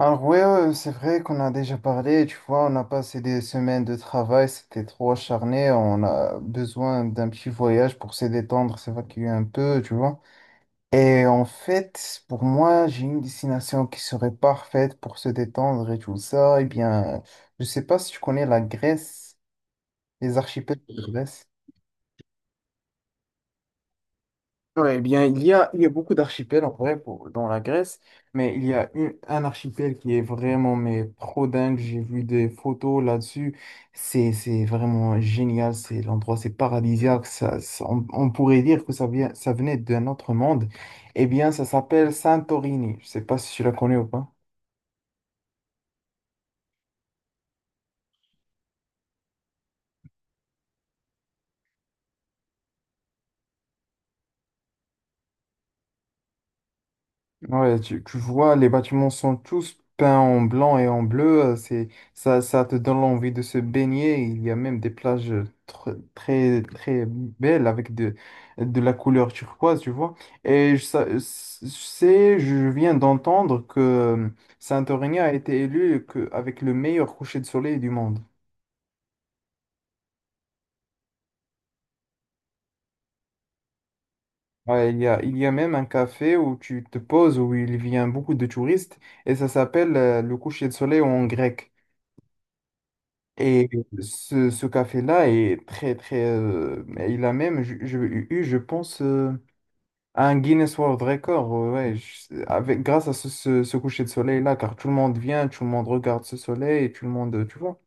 Alors ouais, c'est vrai qu'on a déjà parlé, tu vois, on a passé des semaines de travail, c'était trop acharné, on a besoin d'un petit voyage pour se détendre, s'évacuer un peu, tu vois. Et en fait, pour moi, j'ai une destination qui serait parfaite pour se détendre et tout ça. Eh bien, je sais pas si tu connais la Grèce, les archipels de Grèce. Ouais, eh bien, il y a beaucoup d'archipels en vrai dans la Grèce, mais il y a un archipel qui est vraiment mais trop dingue. J'ai vu des photos là-dessus. C'est vraiment génial. C'est l'endroit, c'est paradisiaque. On pourrait dire que ça venait d'un autre monde. Eh bien, ça s'appelle Santorini. Je sais pas si tu la connais ou pas. Ouais, tu vois, les bâtiments sont tous peints en blanc et en bleu. Ça te donne envie de se baigner. Il y a même des plages très, très belles avec de la couleur turquoise, tu vois. Et je, sa- je sais, Je viens d'entendre que Santorini a été élu avec le meilleur coucher de soleil du monde. Ouais, il y a même un café où tu te poses, où il vient beaucoup de touristes, et ça s'appelle le coucher de soleil en grec. Et ce café-là est très, très. Mais il a même je pense, un Guinness World Record, ouais, grâce à ce coucher de soleil-là, car tout le monde vient, tout le monde regarde ce soleil, et tout le monde, tu vois.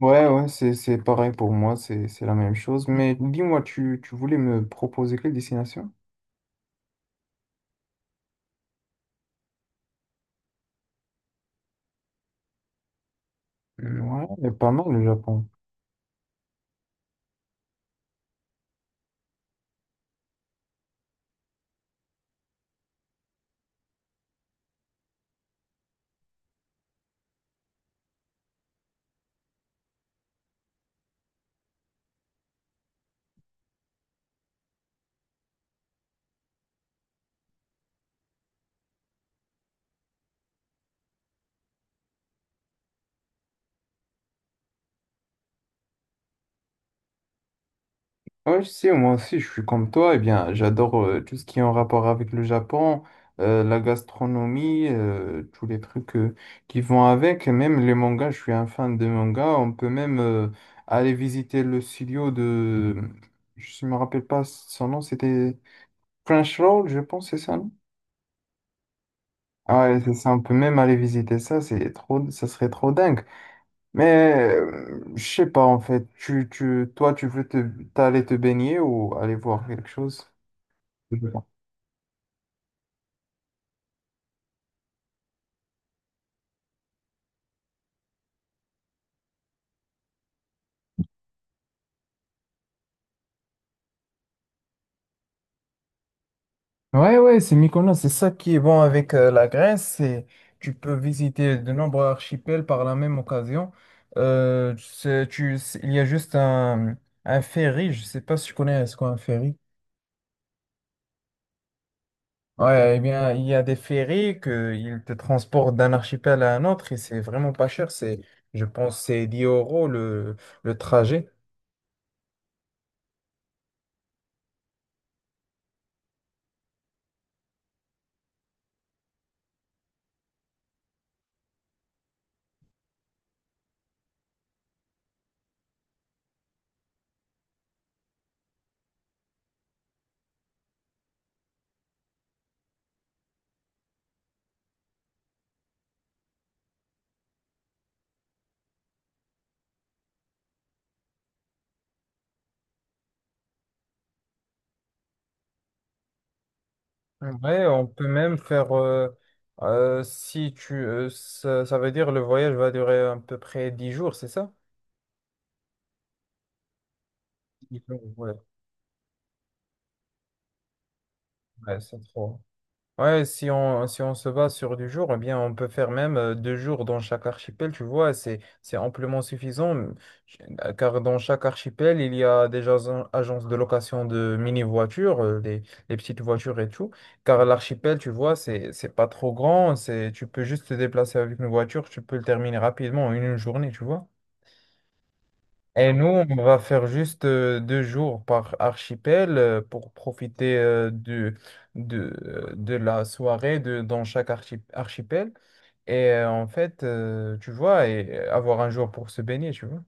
Ouais, ouais, c'est pareil pour moi, c'est la même chose. Mais dis-moi, tu voulais me proposer quelle destination? Hmm. Ouais, pas mal le Japon. Oui, si, moi aussi, je suis comme toi. Eh bien, j'adore tout ce qui est en rapport avec le Japon, la gastronomie, tous les trucs qui vont avec. Et même les mangas, je suis un fan de mangas. On peut même aller visiter le studio de... Je ne me rappelle pas son nom, c'était French je pense, c'est ça, non? Ah ouais, c'est ça, on peut même aller visiter ça, c'est trop, ça serait trop dingue. Mais je sais pas en fait, toi tu veux t'aller te baigner ou aller voir quelque chose? Ouais, ouais, c'est Mykonos, c'est ça qui est bon avec la Grèce, c'est tu peux visiter de nombreux archipels par la même occasion. Il y a juste un ferry, je sais pas si tu connais ce qu'est un ferry. Ouais, eh bien, il y a des ferries que ils te transportent d'un archipel à un autre et c'est vraiment pas cher, je pense, c'est 10 € le trajet. Ouais, on peut même faire, si tu, ça veut dire le voyage va durer à peu près 10 jours, c'est ça? Ouais, ouais, c'est trop. Ouais, si on se base sur du jour, eh bien, on peut faire même 2 jours dans chaque archipel, tu vois, c'est amplement suffisant, car dans chaque archipel, il y a des agences de location de mini-voitures, les petites voitures et tout, car l'archipel, tu vois, c'est pas trop grand, tu peux juste te déplacer avec une voiture, tu peux le terminer rapidement en une journée, tu vois. Et nous, on va faire juste 2 jours par archipel pour profiter de la soirée dans chaque archipel. Et en fait, tu vois, et avoir un jour pour se baigner, tu vois.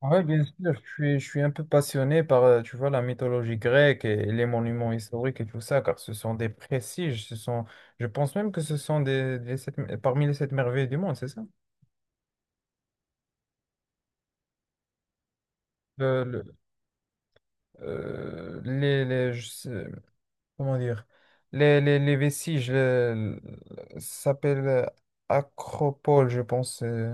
Oui, bien sûr, je suis un peu passionné par, tu vois, la mythologie grecque et les monuments historiques et tout ça, car ce sont des prestiges, je pense même que ce sont parmi les sept merveilles du monde, c'est ça? Le- le- euh, les, les- je sais- Comment dire, les vestiges, ça s'appelle Acropole, je pense.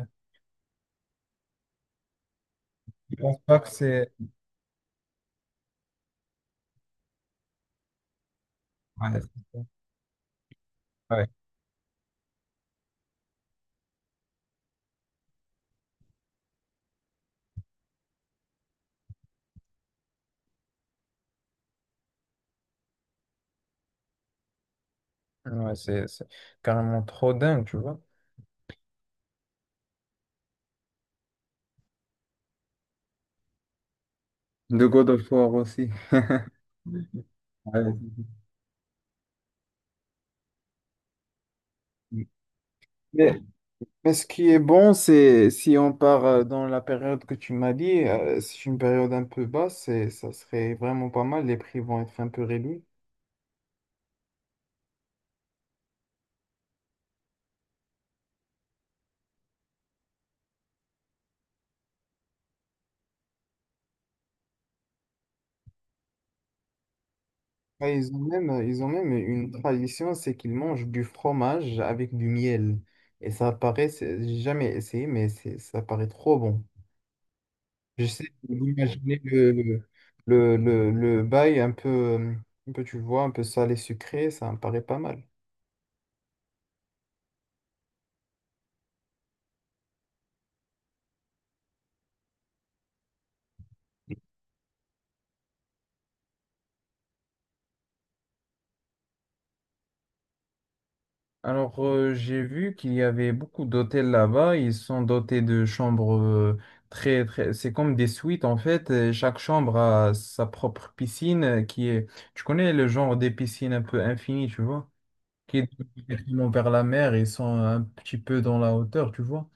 Je pense pas que c'est. Ouais, ouais, ouais, c'est carrément trop dingue, tu vois. De God of War aussi. Ouais. Mais, mais ce qui est bon, c'est si on part dans la période que tu m'as dit, c'est une période un peu basse, et ça serait vraiment pas mal. Les prix vont être un peu réduits. Ah, ils ont même une tradition, c'est qu'ils mangent du fromage avec du miel. Et ça paraît, j'ai jamais essayé, mais ça paraît trop bon. Je sais, d'imaginer le bail un peu, tu vois, un peu salé sucré, ça me paraît pas mal. Alors, j'ai vu qu'il y avait beaucoup d'hôtels là-bas. Ils sont dotés de chambres très, très... C'est comme des suites, en fait. Et chaque chambre a sa propre piscine qui est... Tu connais le genre des piscines un peu infinies, tu vois? Qui est directement vers la mer. Ils sont un petit peu dans la hauteur, tu vois?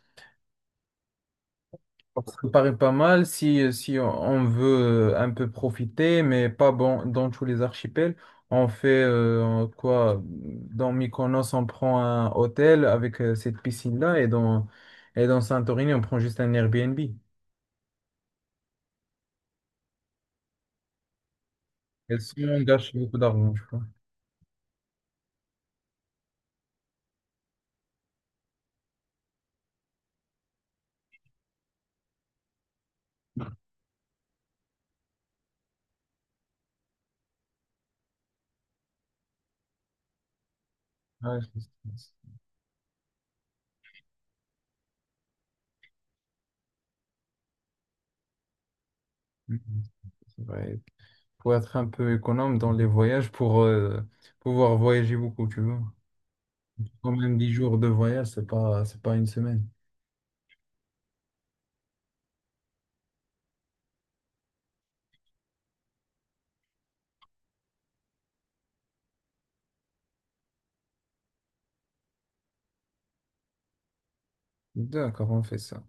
Ça me paraît pas mal si on veut un peu profiter, mais pas bon, dans tous les archipels. On fait quoi? Dans Mykonos, on prend un hôtel avec cette piscine-là et dans Santorini, on prend juste un Airbnb. Et si on gâche beaucoup d'argent, je crois. Ouais, c'est- Mhm, c'est vrai. Pour être un peu économe dans les voyages, pour pouvoir voyager beaucoup, tu vois. Quand même 10 jours de voyage, c'est pas une semaine. D'accord, on fait ça.